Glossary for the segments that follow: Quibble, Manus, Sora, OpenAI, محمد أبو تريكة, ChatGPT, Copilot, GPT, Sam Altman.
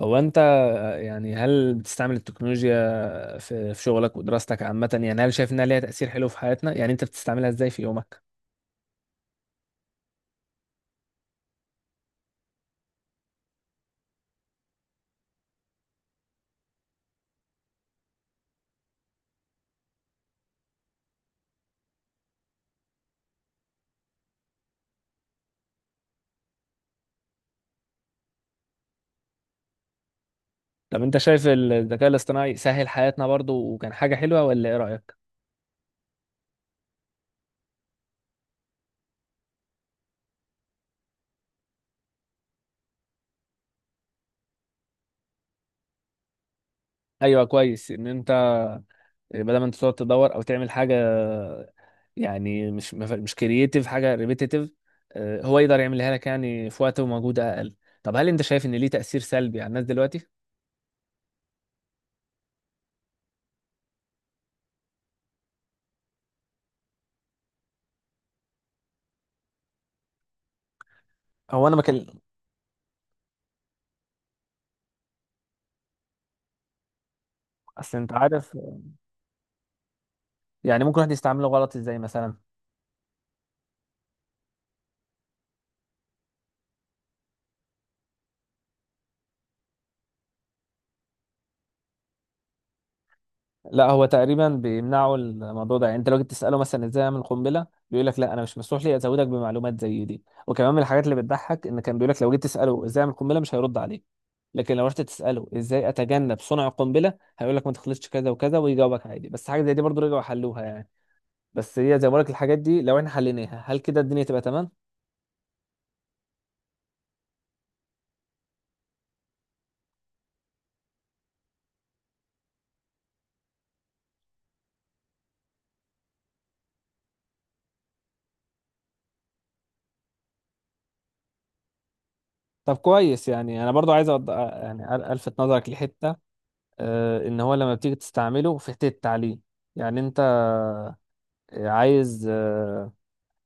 هو انت يعني هل بتستعمل التكنولوجيا في شغلك ودراستك عامة، يعني هل شايف انها ليها تأثير حلو في حياتنا؟ يعني انت بتستعملها ازاي في يومك؟ طب انت شايف الذكاء الاصطناعي سهل حياتنا برضو وكان حاجة حلوة، ولا ايه رأيك؟ ايوه، كويس ان انت بدل ما انت تقعد تدور او تعمل حاجة، يعني مش كرييتيف، حاجة ريبيتيتيف، هو يقدر يعملها لك يعني في وقت ومجهود اقل. طب هل انت شايف ان ليه تأثير سلبي على الناس دلوقتي؟ هو انا بكلم. اصل انت عارف، يعني ممكن واحد يستعمله غلط ازاي مثلا؟ لا، هو تقريبا بيمنعوا الموضوع ده. يعني انت لو جيت تساله مثلا ازاي اعمل قنبله بيقول لك لا، انا مش مسموح لي ازودك بمعلومات زي دي. وكمان من الحاجات اللي بتضحك ان كان بيقول لك لو جيت تساله ازاي اعمل قنبله مش هيرد عليك، لكن لو رحت تساله ازاي اتجنب صنع القنبله هيقول لك ما تخلطش كذا وكذا، ويجاوبك عادي. بس حاجه زي دي برضو رجعوا حلوها يعني. بس هي زي ما بقول لك، الحاجات دي لو احنا حليناها هل كده الدنيا تبقى تمام؟ طب كويس. يعني انا برضو عايز يعني الفت نظرك لحته. ان هو لما بتيجي تستعمله في حته التعليم، يعني انت عايز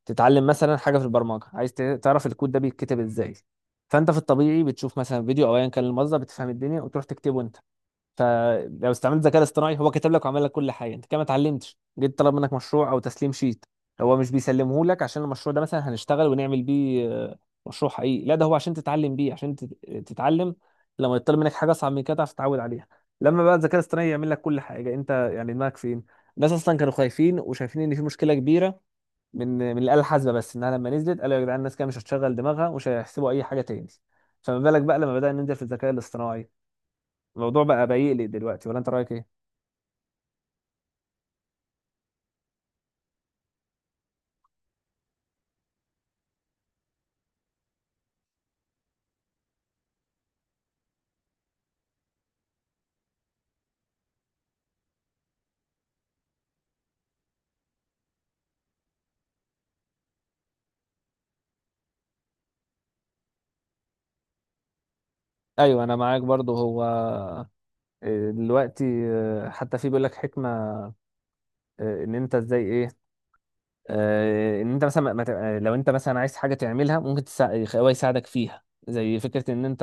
تتعلم مثلا حاجه في البرمجه، عايز تعرف الكود ده بيتكتب ازاي. فانت في الطبيعي بتشوف مثلا فيديو او ايا كان المصدر، بتفهم الدنيا وتروح تكتبه انت. فلو استعملت ذكاء اصطناعي هو كتب لك وعمل لك كل حاجه، انت كده ما اتعلمتش. جيت طلب منك مشروع او تسليم شيت، هو مش بيسلمه لك عشان المشروع ده مثلا هنشتغل ونعمل بيه مشروع حقيقي. لا، ده هو عشان تتعلم بيه، عشان تتعلم. لما يطلب منك حاجه اصعب من كده تعرف تتعود عليها. لما بقى الذكاء الاصطناعي يعمل لك كل حاجه انت يعني دماغك فين؟ الناس اصلا كانوا خايفين وشايفين ان في مشكله كبيره من من الآلة الحاسبة، بس انها لما نزلت قالوا يا جدعان الناس كده مش هتشغل دماغها ومش هيحسبوا اي حاجة تاني. فما بالك بقى لما بدأنا ننزل في الذكاء الاصطناعي؟ الموضوع بقى بيقلق دلوقتي، ولا انت رأيك ايه؟ ايوه، انا معاك برضو. هو دلوقتي حتى في بيقول لك حكمة، ان انت ازاي ايه، ان انت مثلا ما- ما تبقى- لو انت مثلا عايز حاجة تعملها ممكن تساعد، هو يساعدك فيها. زي فكرة ان انت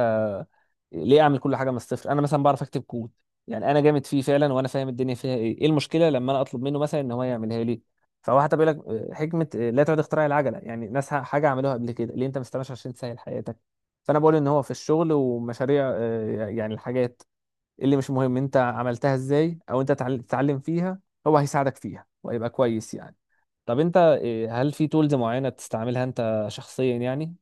ليه اعمل كل حاجه من الصفر؟ انا مثلا بعرف اكتب كود، يعني انا جامد فيه فعلا وانا فاهم الدنيا فيها ايه المشكله لما انا اطلب منه مثلا ان هو يعملها لي؟ فهو حتى بيقول لك حكمه، لا تعد اختراع العجله، يعني ناس حاجه عملوها قبل كده، ليه انت ما استناش عشان تسهل حياتك. فانا بقول ان هو في الشغل ومشاريع يعني الحاجات اللي مش مهم انت عملتها ازاي او انت تتعلم فيها، هو هيساعدك فيها وهيبقى كويس يعني. طب انت هل في تولز معينه بتستعملها انت شخصيا يعني؟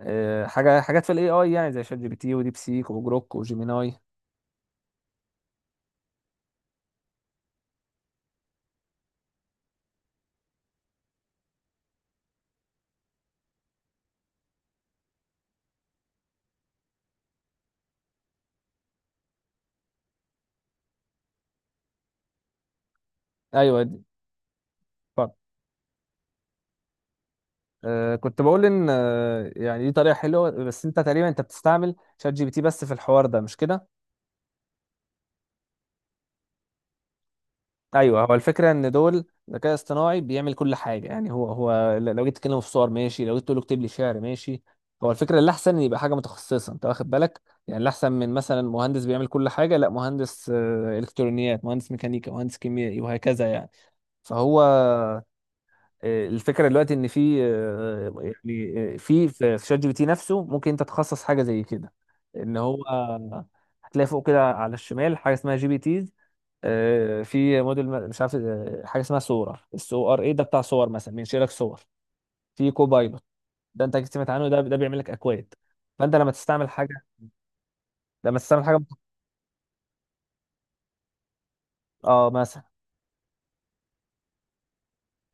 حاجات في الاي اي، يعني زي شات جي بي تي وديب سيك وجروك وجيميناي. ايوه دي. اتفضل. كنت بقول ان يعني دي طريقه حلوه، بس انت تقريبا انت بتستعمل شات جي بي تي بس في الحوار ده، مش كده؟ ايوه. هو الفكره ان دول ذكاء اصطناعي بيعمل كل حاجه، يعني هو لو جيت تكلمه في صور ماشي، لو جيت تقول له اكتب لي شعر ماشي. هو الفكره اللي احسن يبقى حاجه متخصصه، انت واخد بالك؟ يعني الاحسن من مثلا مهندس بيعمل كل حاجه، لا، مهندس الكترونيات، مهندس ميكانيكا، مهندس كيميائي، وهكذا يعني. فهو الفكره دلوقتي ان في يعني في شات جي بي تي نفسه ممكن انت تخصص حاجه زي كده. ان هو هتلاقي فوق كده على الشمال حاجه اسمها جي بي تيز. في موديل مش عارف حاجه اسمها صوره الس او ار اي، ده بتاع صور، مثلا بينشئ لك صور. في كوبايلوت ده انت أكيد سمعت عنه، ده بيعمل لك اكواد. فانت لما تستعمل حاجه، لما تستعمل حاجه اه مثلا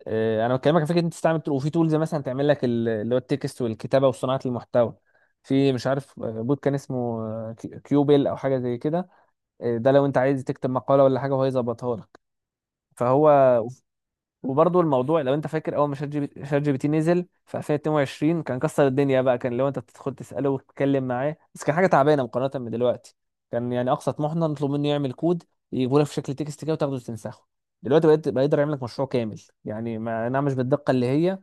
انا بكلمك عن فكره إن انت تستعمل وفي تولز مثلا تعمل لك اللي هو التكست والكتابه وصناعه المحتوى. في مش عارف بوت كان اسمه كيوبل او حاجه زي كده. ده لو انت عايز تكتب مقاله ولا حاجه وهو يظبطها لك. فهو وبرضه الموضوع، لو انت فاكر اول ما شات جي بي تي نزل في 2022 كان كسر الدنيا، بقى كان لو انت تدخل تساله وتتكلم معاه بس، كان حاجه تعبانه مقارنه بدلوقتي. كان يعني اقصى طموحنا نطلب منه يعمل كود، يجيبه لك في شكل تكست كده وتاخده وتنسخه. دلوقتي بقيت بيقدر يعمل لك مشروع كامل، يعني ما نعم، مش بالدقه اللي هي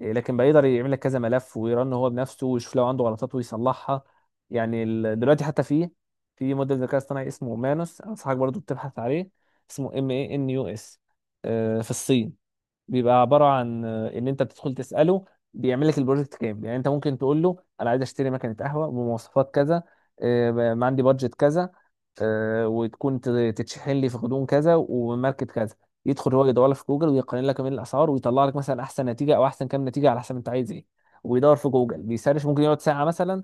لكن بيقدر يعمل لك كذا ملف ويرن هو بنفسه ويشوف لو عنده غلطات ويصلحها. يعني دلوقتي حتى في موديل ذكاء اصطناعي اسمه مانوس، انصحك برضه تبحث عليه. اسمه ام اي ان يو اس، في الصين. بيبقى عباره عن ان انت بتدخل تساله بيعمل لك البروجكت كامل. يعني انت ممكن تقول له انا عايز اشتري مكنه قهوه بمواصفات كذا، عندي بادجت كذا، وتكون تتشحن لي في غضون كذا، وماركت كذا. يدخل هو يدور لك في جوجل ويقارن لك بين الاسعار، ويطلع لك مثلا احسن نتيجه او احسن كام نتيجه على حسب انت عايز ايه. ويدور في جوجل بيسرش، ممكن يقعد ساعه مثلا،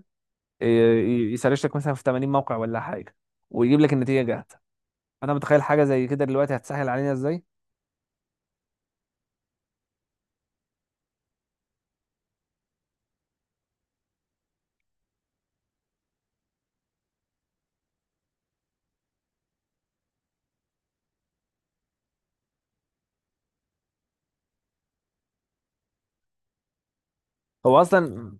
يسرش لك مثلا في 80 موقع ولا حاجه، ويجيب لك النتيجه جاهزه. انا متخيل حاجه زي كده دلوقتي هتسهل علينا ازاي. هو اصلا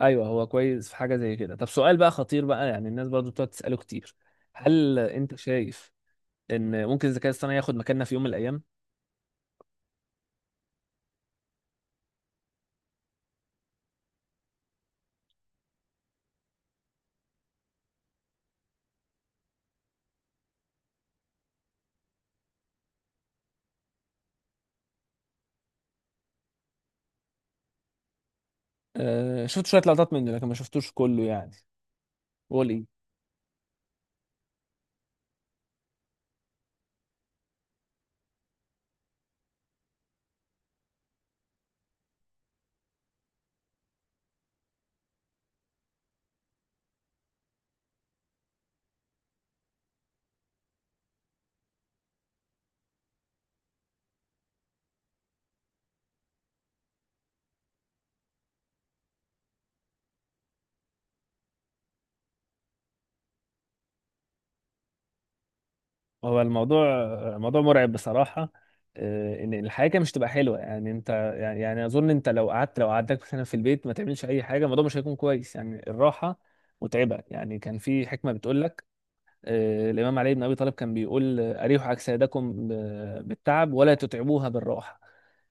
ايوه، هو كويس في حاجه زي كده. طب سؤال بقى خطير بقى، يعني الناس برضو بتقعد تساله كتير، هل انت شايف ان ممكن الذكاء الاصطناعي ياخد مكاننا في يوم من الايام؟ أه، شفت شويه لقطات منه لكن ما شفتوش كله يعني. قول ايه. هو موضوع مرعب بصراحه. أه، ان الحياه كده مش تبقى حلوه. يعني انت يعني اظن انت لو قعدتك مثلا في البيت ما تعملش اي حاجه الموضوع مش هيكون كويس. يعني الراحه متعبه يعني. كان في حكمه بتقول لك الإمام علي بن أبي طالب كان بيقول أريحوا أجسادكم بالتعب ولا تتعبوها بالراحة.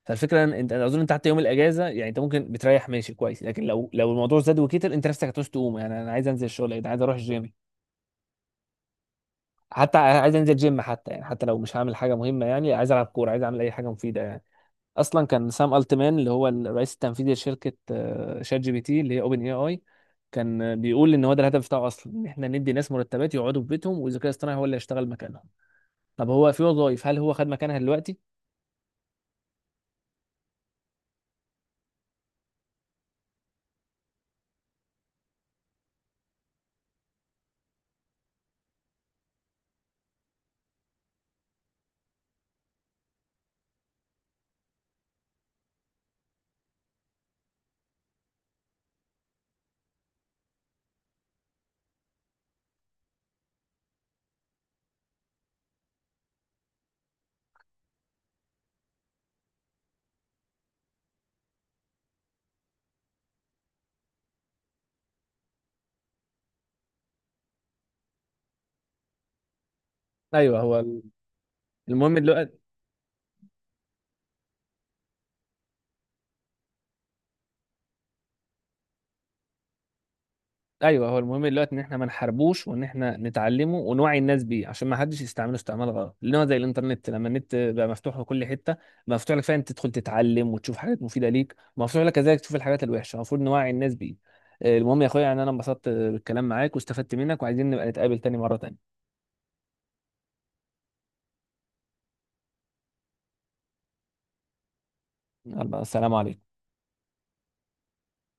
فالفكرة إن أنت أنا أظن أنت حتى يوم الأجازة، يعني أنت ممكن بتريح ماشي كويس، لكن لو الموضوع زاد وكتر أنت نفسك هتعوز تقوم. يعني أنا عايز أنزل الشغل، أنا عايز أروح الجيم، حتى عايز أنزل جيم، حتى يعني حتى لو مش هعمل حاجة مهمة، يعني عايز ألعب كورة، عايز أعمل أي حاجة مفيدة يعني. أصلا كان سام ألتمان، اللي هو الرئيس التنفيذي لشركة شات جي بي تي اللي هي أوبن إي آي، كان بيقول ان هو ده الهدف بتاعه اصلا، ان احنا ندي ناس مرتبات يقعدوا في بيتهم والذكاء الاصطناعي هو اللي هيشتغل مكانهم. طب هو في وظائف هل هو خد مكانها دلوقتي؟ ايوه هو المهم دلوقتي ايوه، هو المهم دلوقتي ان احنا ما نحاربوش، وان احنا نتعلمه ونوعي الناس بيه عشان ما حدش يستعمله استعمال غلط. لان هو زي الانترنت، لما النت بقى مفتوح لكل حته، بقى مفتوح لك فعلا تدخل تتعلم وتشوف حاجات مفيده ليك، مفتوح لك كذلك تشوف الحاجات الوحشه، المفروض نوعي الناس بيه. المهم يا اخويا، يعني انا انبسطت بالكلام معاك واستفدت منك، وعايزين نبقى نتقابل تاني مره تانيه. يلا، السلام عليكم.